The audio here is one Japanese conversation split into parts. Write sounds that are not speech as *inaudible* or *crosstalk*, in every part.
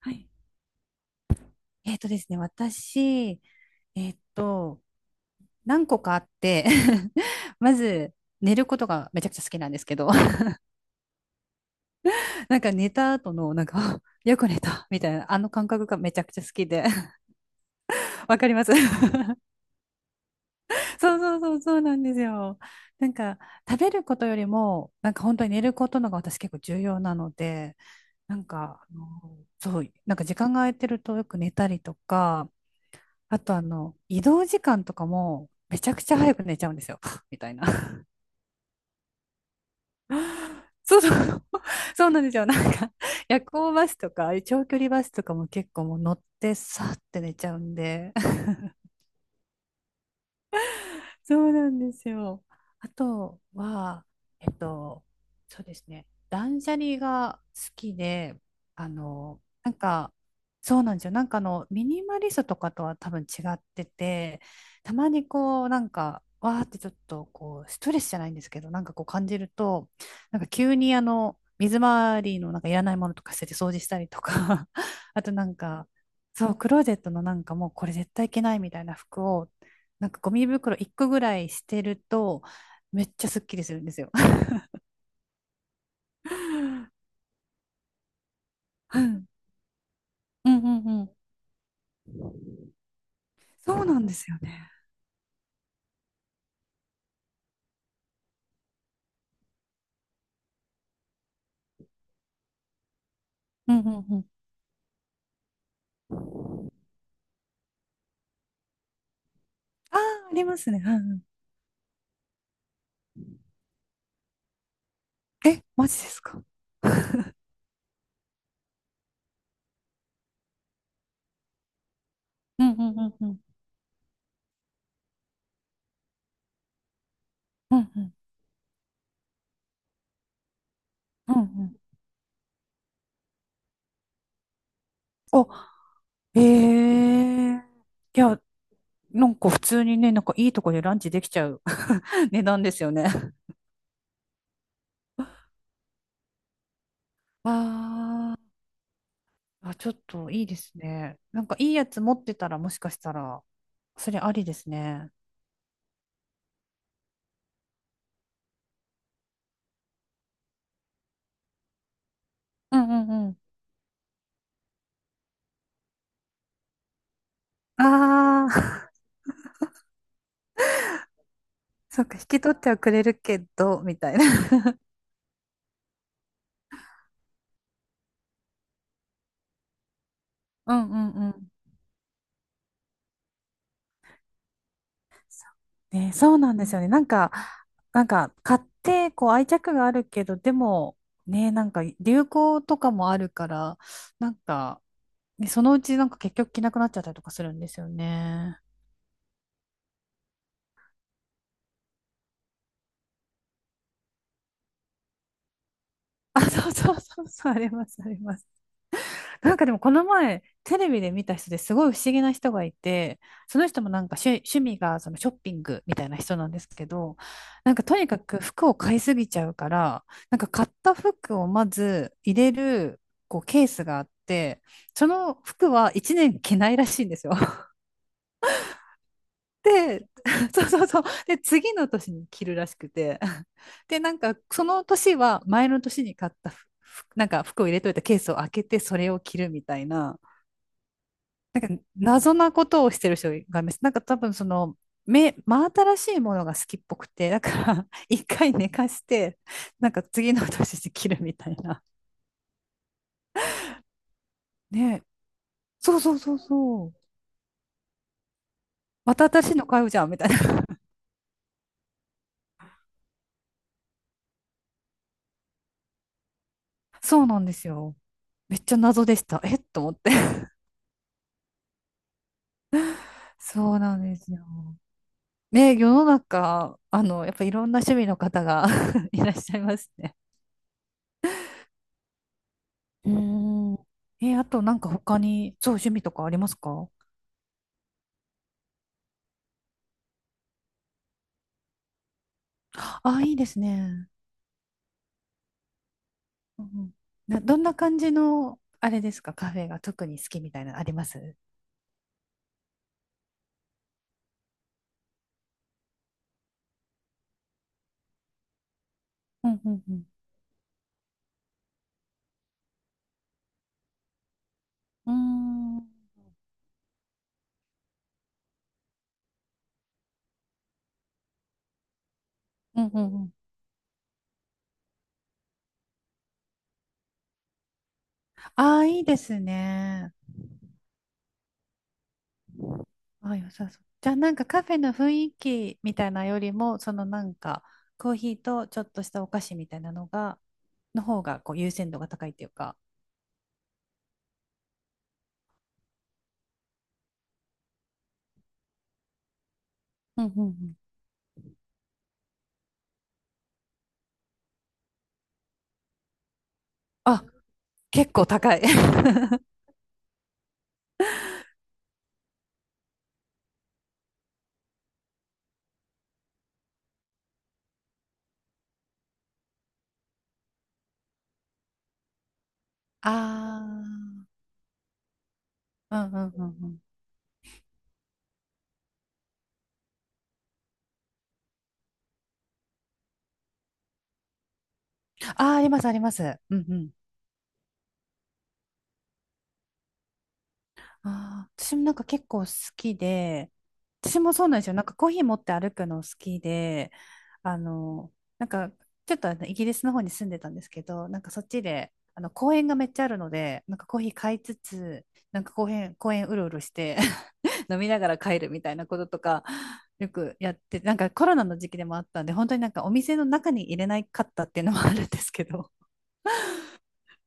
はい。えっとですね、私、えっと、何個かあって *laughs* まず、寝ることがめちゃくちゃ好きなんですけど、*laughs* なんか寝た後の、なんか、*laughs* あ、よく寝た、みたいな、あの感覚がめちゃくちゃ好きで *laughs* わかります。 *laughs* そうそうそう、そうなんですよ。なんか、食べることよりも、なんか本当に寝ることのが私結構重要なので、なんか、そう、なんか時間が空いてるとよく寝たりとか、あと移動時間とかも、めちゃくちゃ早く寝ちゃうんですよ。*laughs* みたいな。*laughs* そうそう。*laughs* そうなんですよ。なんか、夜行バスとか、ああいう長距離バスとかも結構もう乗って、さーって寝ちゃうんで、そうなんですよ。あとは、えっと、そうですね、断捨離が好きで、なんか、そうなんですよ。なんかミニマリストとかとは多分違ってて、たまにこう、なんか、わーってちょっとこう、ストレスじゃないんですけど、なんかこう感じると、なんか急に水回りのなんかいらないものとか捨てて掃除したりとか、*laughs* あとなんか、そう、クローゼットのなんかもうこれ絶対いけないみたいな服をなんかゴミ袋1個ぐらいしてると、めっちゃすっきりするんですよ。*laughs* うんうんうんうん。そうなんですよね。うんうんうん。ああ、ありますね。うんうん。え、マジですか。うんうんうんうん。うんうん。うんうん。お、ええ、いや、なんか普通にね、なんかいいとこでランチできちゃう *laughs* 値段ですよね。*laughs* あー、あ、ちょっといいですね。なんかいいやつ持ってたらもしかしたら、それありですね。うんうん、ああ、*laughs* そっか、引き取ってはくれるけど、みたいな。*laughs* うんうんうん。ね、そうなんですよね。なんか、買って、こう、愛着があるけど、でも、ね、なんか、流行とかもあるから、なんか、ね、そのうち、なんか、結局着なくなっちゃったりとかするんですよね。あ、そうそうそうそう、あります、あります。なんかでもこの前、テレビで見た人ですごい不思議な人がいて、その人もなんか趣味がそのショッピングみたいな人なんですけど、なんかとにかく服を買いすぎちゃうから、なんか買った服をまず入れるこうケースがあって、その服は1年着ないらしいんですよ。で、*laughs* そうそうそう。で、次の年に着るらしくて。で、なんかその年は前の年に買った服、なんか服を入れといたケースを開けてそれを着るみたいな。謎なことをしてる人がいます。なんか多分その、目、真新しいものが好きっぽくて、だから *laughs* 一回寝かして、なんか次の年で切るみたいな。ね。そうそうそうそう。また新しいの買うじゃんみたいな。*laughs* そうなんですよ。めっちゃ謎でした。えっと思って。*laughs* そうなんですよ。ね、世の中、やっぱいろんな趣味の方が *laughs* いらっしゃいますね。うーん。え、あとなんか他に、そう、趣味とかありますか？あ、いいですね。うんうん、どんな感じの、あれですか、カフェが特に好きみたいなのあります？うんうんうん。うーん。うんうんうん。ああ、いいですね。ああ、良さそう。じゃあ、なんかカフェの雰囲気みたいなよりも、そのなんか、コーヒーとちょっとしたお菓子みたいなのが、の方がこう優先度が高いっていうか。うんうんうん。あ、結構高い。*laughs* ああ、うんうんうんうん。ああ、あります、あります。うんうん。あー、私もなんか結構好きで、私もそうなんですよ。なんかコーヒー持って歩くの好きで、あの、なんかちょっとあのイギリスの方に住んでたんですけど、なんかそっちで、あの公園がめっちゃあるので、なんかコーヒー買いつつ、なんか公園うろうろして *laughs* 飲みながら帰るみたいなこととか、よくやって、なんかコロナの時期でもあったんで、本当になんかお店の中に入れないかったっていうのもあるんですけど、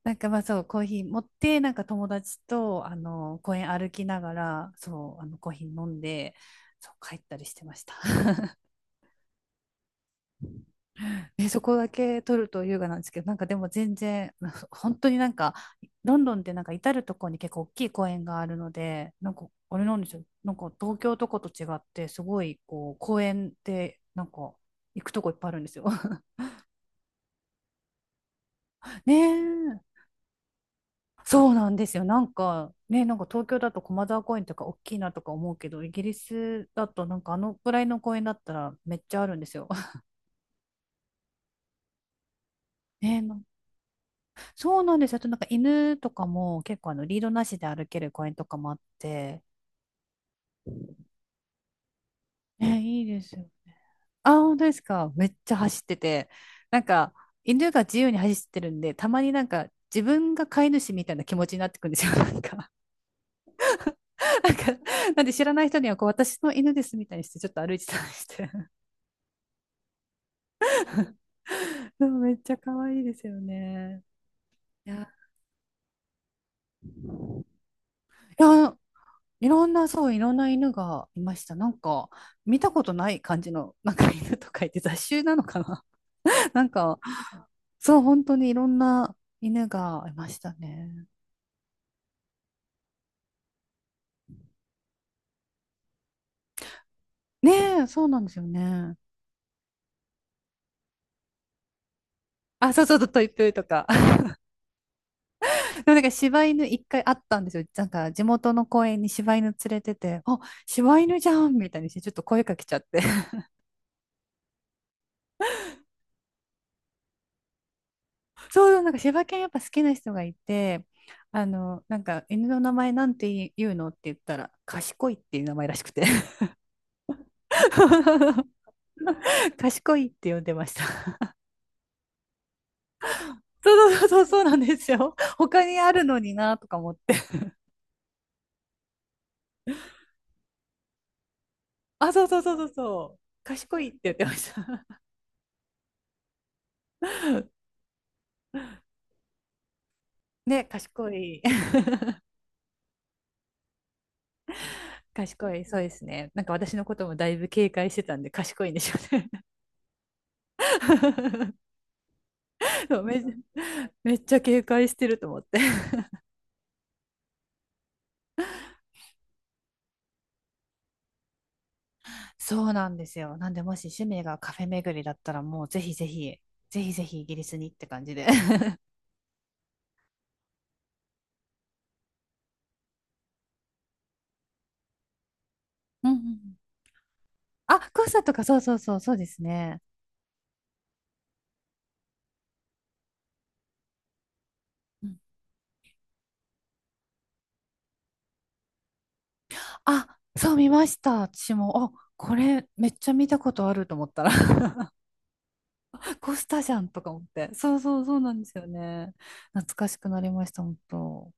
なんかまあそう、コーヒー持って、なんか友達と、公園歩きながら、そう、コーヒー飲んで、そう、帰ったりしてました。*laughs* ね、そこだけ取ると優雅なんですけど、なんかでも全然、*laughs* 本当になんか、ロンドンってなんか至るところに結構大きい公園があるので、なんか、あれなんですよ。なんか東京とかと違って、すごい、こう、公園って、なんか、行くとこいっぱいあるんですよ。*laughs* ねえ、そうなんですよ。なんかね、なんか東京だと駒沢公園とか大きいなとか思うけど、イギリスだとなんかあのぐらいの公園だったらめっちゃあるんですよ。*laughs* ね、そうなんですよ。あとなんか犬とかも結構あのリードなしで歩ける公園とかもあって、ね、いいですよ。あ、本当ですか。めっちゃ走ってて、なんか犬が自由に走ってるんで、たまになんか自分が飼い主みたいな気持ちになってくるんですよ。*laughs* なんか、なんで知らない人にはこう私の犬ですみたいにしてちょっと歩いてたりして。そう、めっちゃ可愛いですよね。いや、いや、いろんな、そう、いろんな犬がいました。なんか、見たことない感じの、なんか犬とかいて雑種なのかな。 *laughs* なんか、そう、本当にいろんな犬がいましたね。ねえ、そうなんですよね。あ、そうそうそう、トイプーとか。*laughs* でもなんか、柴犬一回あったんですよ。なんか、地元の公園に柴犬連れてて、あ、柴犬じゃんみたいにして、ちょっと声かけちゃって。そうそう、なんか柴犬やっぱ好きな人がいて、なんか犬の名前なんて言うのって言ったら、賢いっていう名前らしくて。*laughs* 賢いって呼んでました。*laughs* そうそうそうそう、そうなんですよ。他にあるのになとか思って。あ、そうそうそうそうそう。賢いって言ってました。*laughs* ね、賢い。*laughs* 賢い、そうですね。なんか私のこともだいぶ警戒してたんで、賢いんでしょうね。*laughs* そう、めっちゃ警戒してると思って。そうなんですよ。なんで、もし趣味がカフェ巡りだったら、もうぜひぜひ、ぜひぜひイギリスにって感じで。*laughs* うんうんうん、あ、コンサートか、そうそうそう、そうですね。うん、あ、そう見ました、私も。あ、これめっちゃ見たことあると思ったら *laughs* コスタじゃんとか思って。そうそうそう、なんですよね。懐かしくなりました、本当。